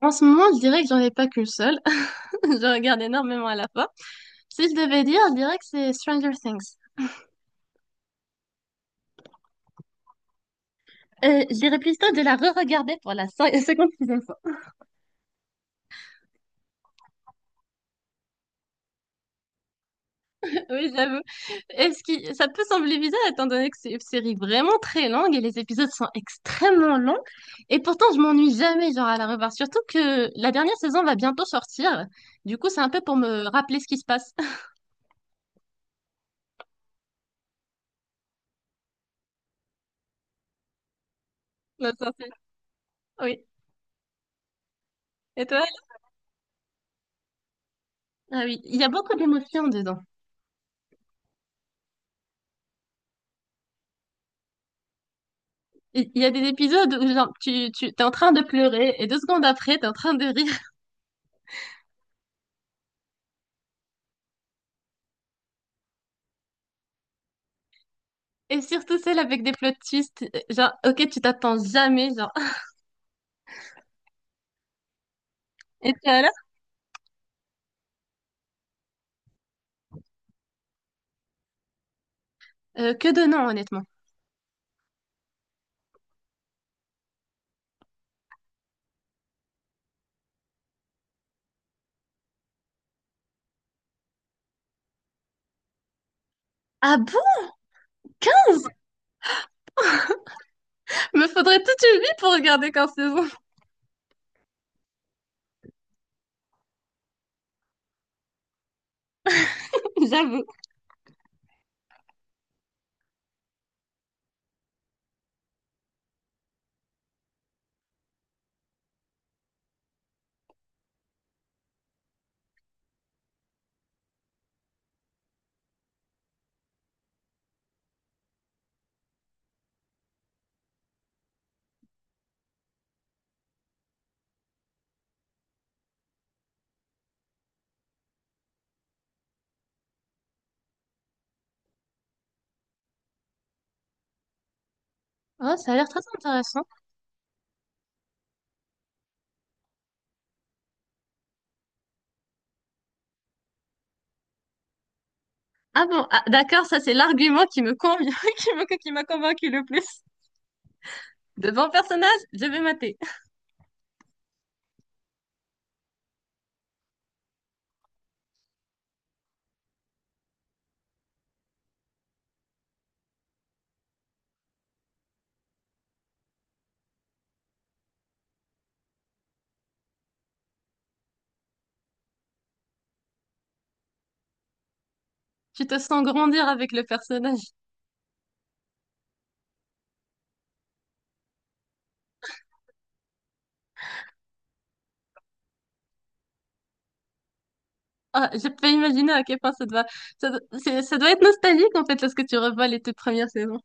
En ce moment, je dirais que j'en ai pas qu'une seule. Je regarde énormément à la fois. Si je devais dire, je dirais que c'est Stranger Things. Je dirais plutôt de la re-regarder pour la 56e fois. Oui, j'avoue. Est-ce que ça peut sembler bizarre étant donné que c'est une série vraiment très longue et les épisodes sont extrêmement longs. Et pourtant, je m'ennuie jamais genre à la revoir. Surtout que la dernière saison va bientôt sortir. Du coup, c'est un peu pour me rappeler ce qui se passe. La sortie. Oui. Et toi? Ah oui, il y a beaucoup d'émotions dedans. Il y a des épisodes où genre, tu t'es en train de pleurer et deux secondes après, t'es en train de rire. Et surtout celle avec des plots twists, genre, ok, tu t'attends jamais, genre. Et puis alors? Que de noms, honnêtement. Ah bon? Me faudrait toute une vie pour regarder 15 saisons, j'avoue. Oh, ça a l'air très intéressant. Ah bon, ah, d'accord, ça c'est l'argument qui me convient, qui m'a convaincu le plus. De bons personnages, je vais mater. Tu te sens grandir avec le personnage. Ah, je peux imaginer à quel point ça doit, c'est- ça doit être nostalgique en fait lorsque tu revois les toutes premières saisons.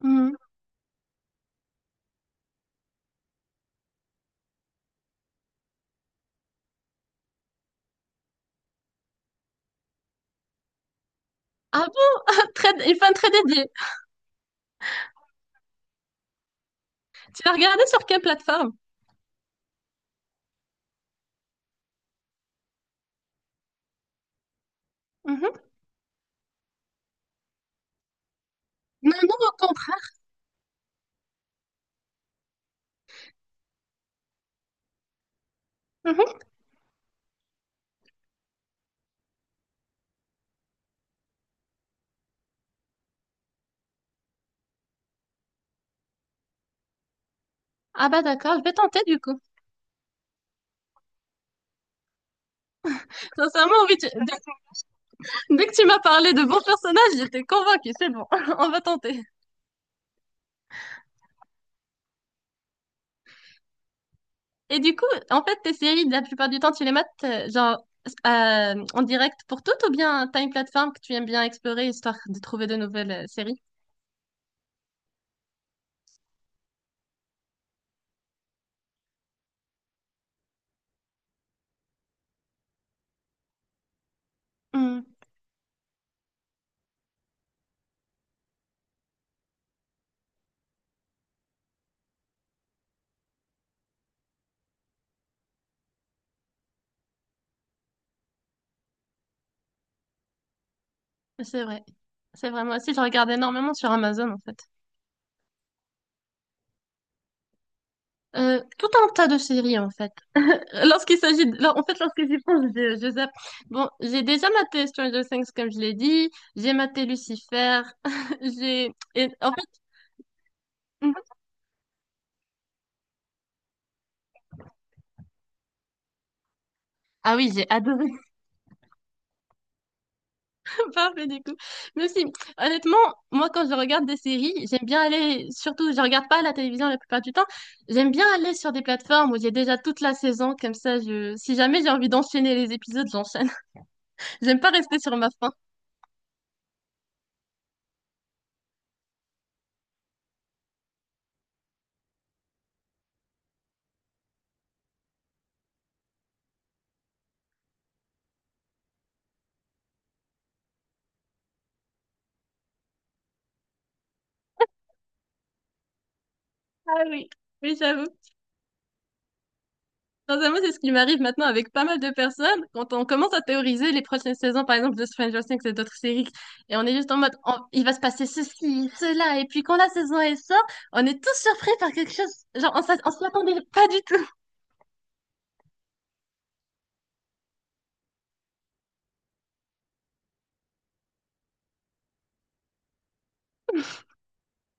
Mhm. Ah bon, très, une fin très dédiée. Tu l'as regardé sur quelle plateforme? Mhm. Non, non, au contraire. Mhm. Ah bah d'accord, je vais tenter du coup. Sincèrement, oui, tu- dès, dès que tu m'as parlé de bons personnages, j'étais convaincue, c'est bon, on va tenter. Et du coup, en fait, tes séries, la plupart du temps, tu les mates genre en direct pour toutes ou bien t'as une plateforme que tu aimes bien explorer histoire de trouver de nouvelles séries? C'est vrai. C'est vrai, moi aussi, je regarde énormément sur Amazon, en fait. Tout un tas de séries, en fait. Lorsqu'il s'agit de… En fait, lorsque j'y pense, je zappe. Bon, j'ai déjà maté Stranger Things, comme je l'ai dit. J'ai maté Lucifer. J'ai… et en fait… mhm. Ah oui, j'ai adoré. Parfait, du coup. Mais aussi, honnêtement, moi, quand je regarde des séries, j'aime bien aller… Surtout, je regarde pas la télévision la plupart du temps. J'aime bien aller sur des plateformes où j'ai déjà toute la saison. Comme ça, je… si jamais j'ai envie d'enchaîner les épisodes, j'enchaîne. J'aime pas rester sur ma faim. Ah oui, oui, j'avoue. Sincèrement, c'est ce qui m'arrive maintenant avec pas mal de personnes. Quand on commence à théoriser les prochaines saisons, par exemple, de Stranger Things et d'autres séries, et on est juste en mode, on- il va se passer ceci, cela, et puis quand la saison elle sort, on est tous surpris par quelque chose. Genre, on s'a- on s'y attendait pas du tout.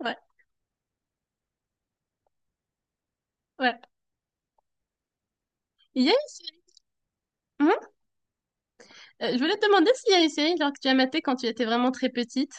Ouais, ouais. Il y a une- hmm Je voulais te demander s'il y a une série genre, que tu as matée quand tu étais vraiment très petite.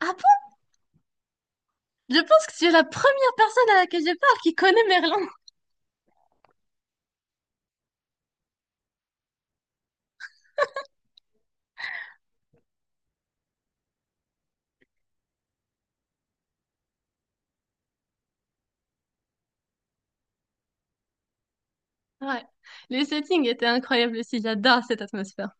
Ah bon? Je pense que tu es la première personne à laquelle je parle qui connaît Merlin. Ouais. Les settings étaient incroyables aussi. J'adore cette atmosphère.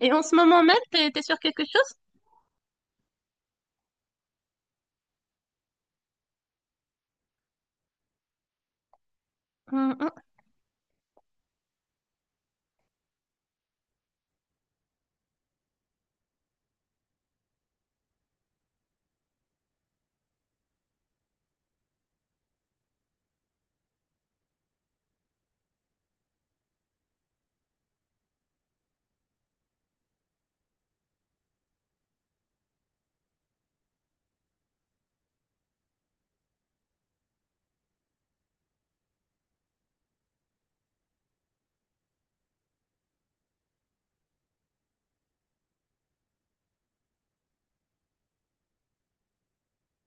Et en ce moment même, t'es sur quelque chose? Hum, hum.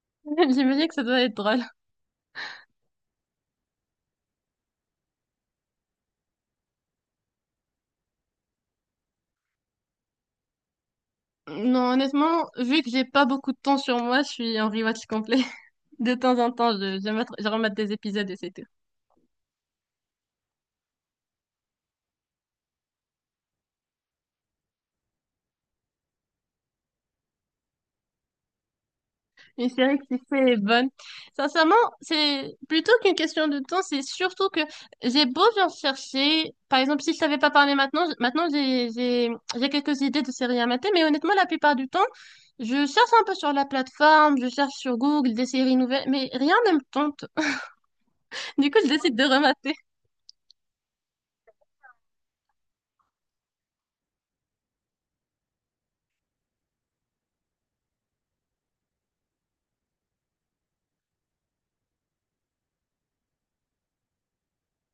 J'imagine que ça doit être drôle. Non, honnêtement, vu que j'ai pas beaucoup de temps sur moi, je suis en rewatch complet. De temps en temps, je remate des épisodes et c'est tout. Une série qui fait bonne. Sincèrement, c'est plutôt qu'une question de temps, c'est surtout que j'ai beau bien chercher. Par exemple, si je savais pas parler maintenant, j- maintenant j'ai quelques idées de séries à mater, mais honnêtement, la plupart du temps, je cherche un peu sur la plateforme, je cherche sur Google des séries nouvelles, mais rien ne me tente. Du coup, je décide de remater.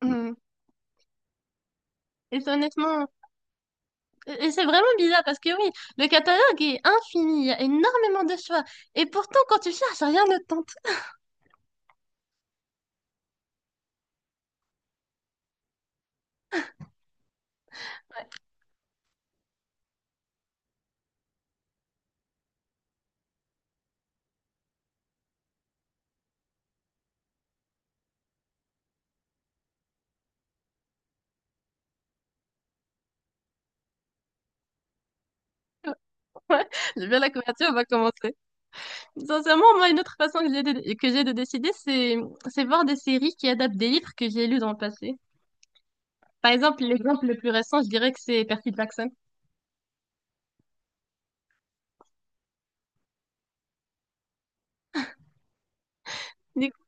Mm. Et c'est honnêtement, et c'est vraiment bizarre parce que oui, le catalogue est infini, il y a énormément de choix. Et pourtant, quand tu cherches, rien ne te tente. Ouais, j'aime bien la couverture, on va commencer. Sincèrement, moi, une autre façon que j'ai de décider, c'est voir des séries qui adaptent des livres que j'ai lus dans le passé. Par exemple, l'exemple le plus récent, je dirais que c'est Percy Jackson. Du- coup,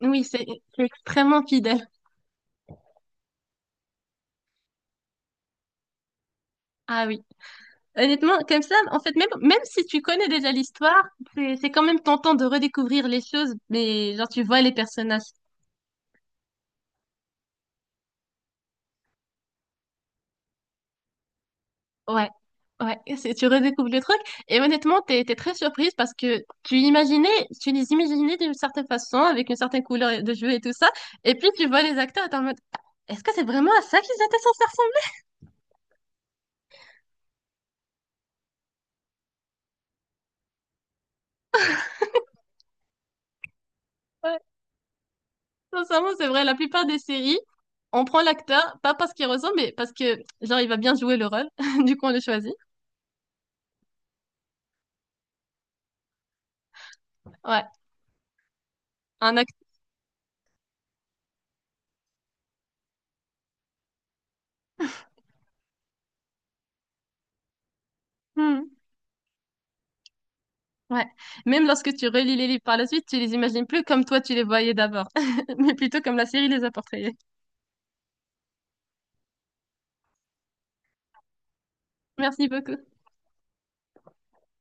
Oui, c'est extrêmement fidèle. Ah oui. Honnêtement, comme ça, en fait, même si tu connais déjà l'histoire, c'est quand même tentant de redécouvrir les choses, mais genre tu vois les personnages. Ouais, ouais, c'est, tu redécouvres le truc. Et honnêtement, t'es très surprise parce que tu imaginais, tu les imaginais d'une certaine façon, avec une certaine couleur de jeu et tout ça, et puis tu vois les acteurs et t'es en mode, est-ce que c'est vraiment à ça qu'ils étaient censés ressembler? Sincèrement, c'est vrai. La plupart des séries, on prend l'acteur, pas parce qu'il ressemble, mais parce que, genre, il va bien jouer le rôle. Du coup, on le choisit. Ouais. Un acteur. Ouais. Même lorsque tu relis les livres par la suite, tu les imagines plus comme toi tu les voyais d'abord, mais plutôt comme la série les a portrayés. Merci beaucoup.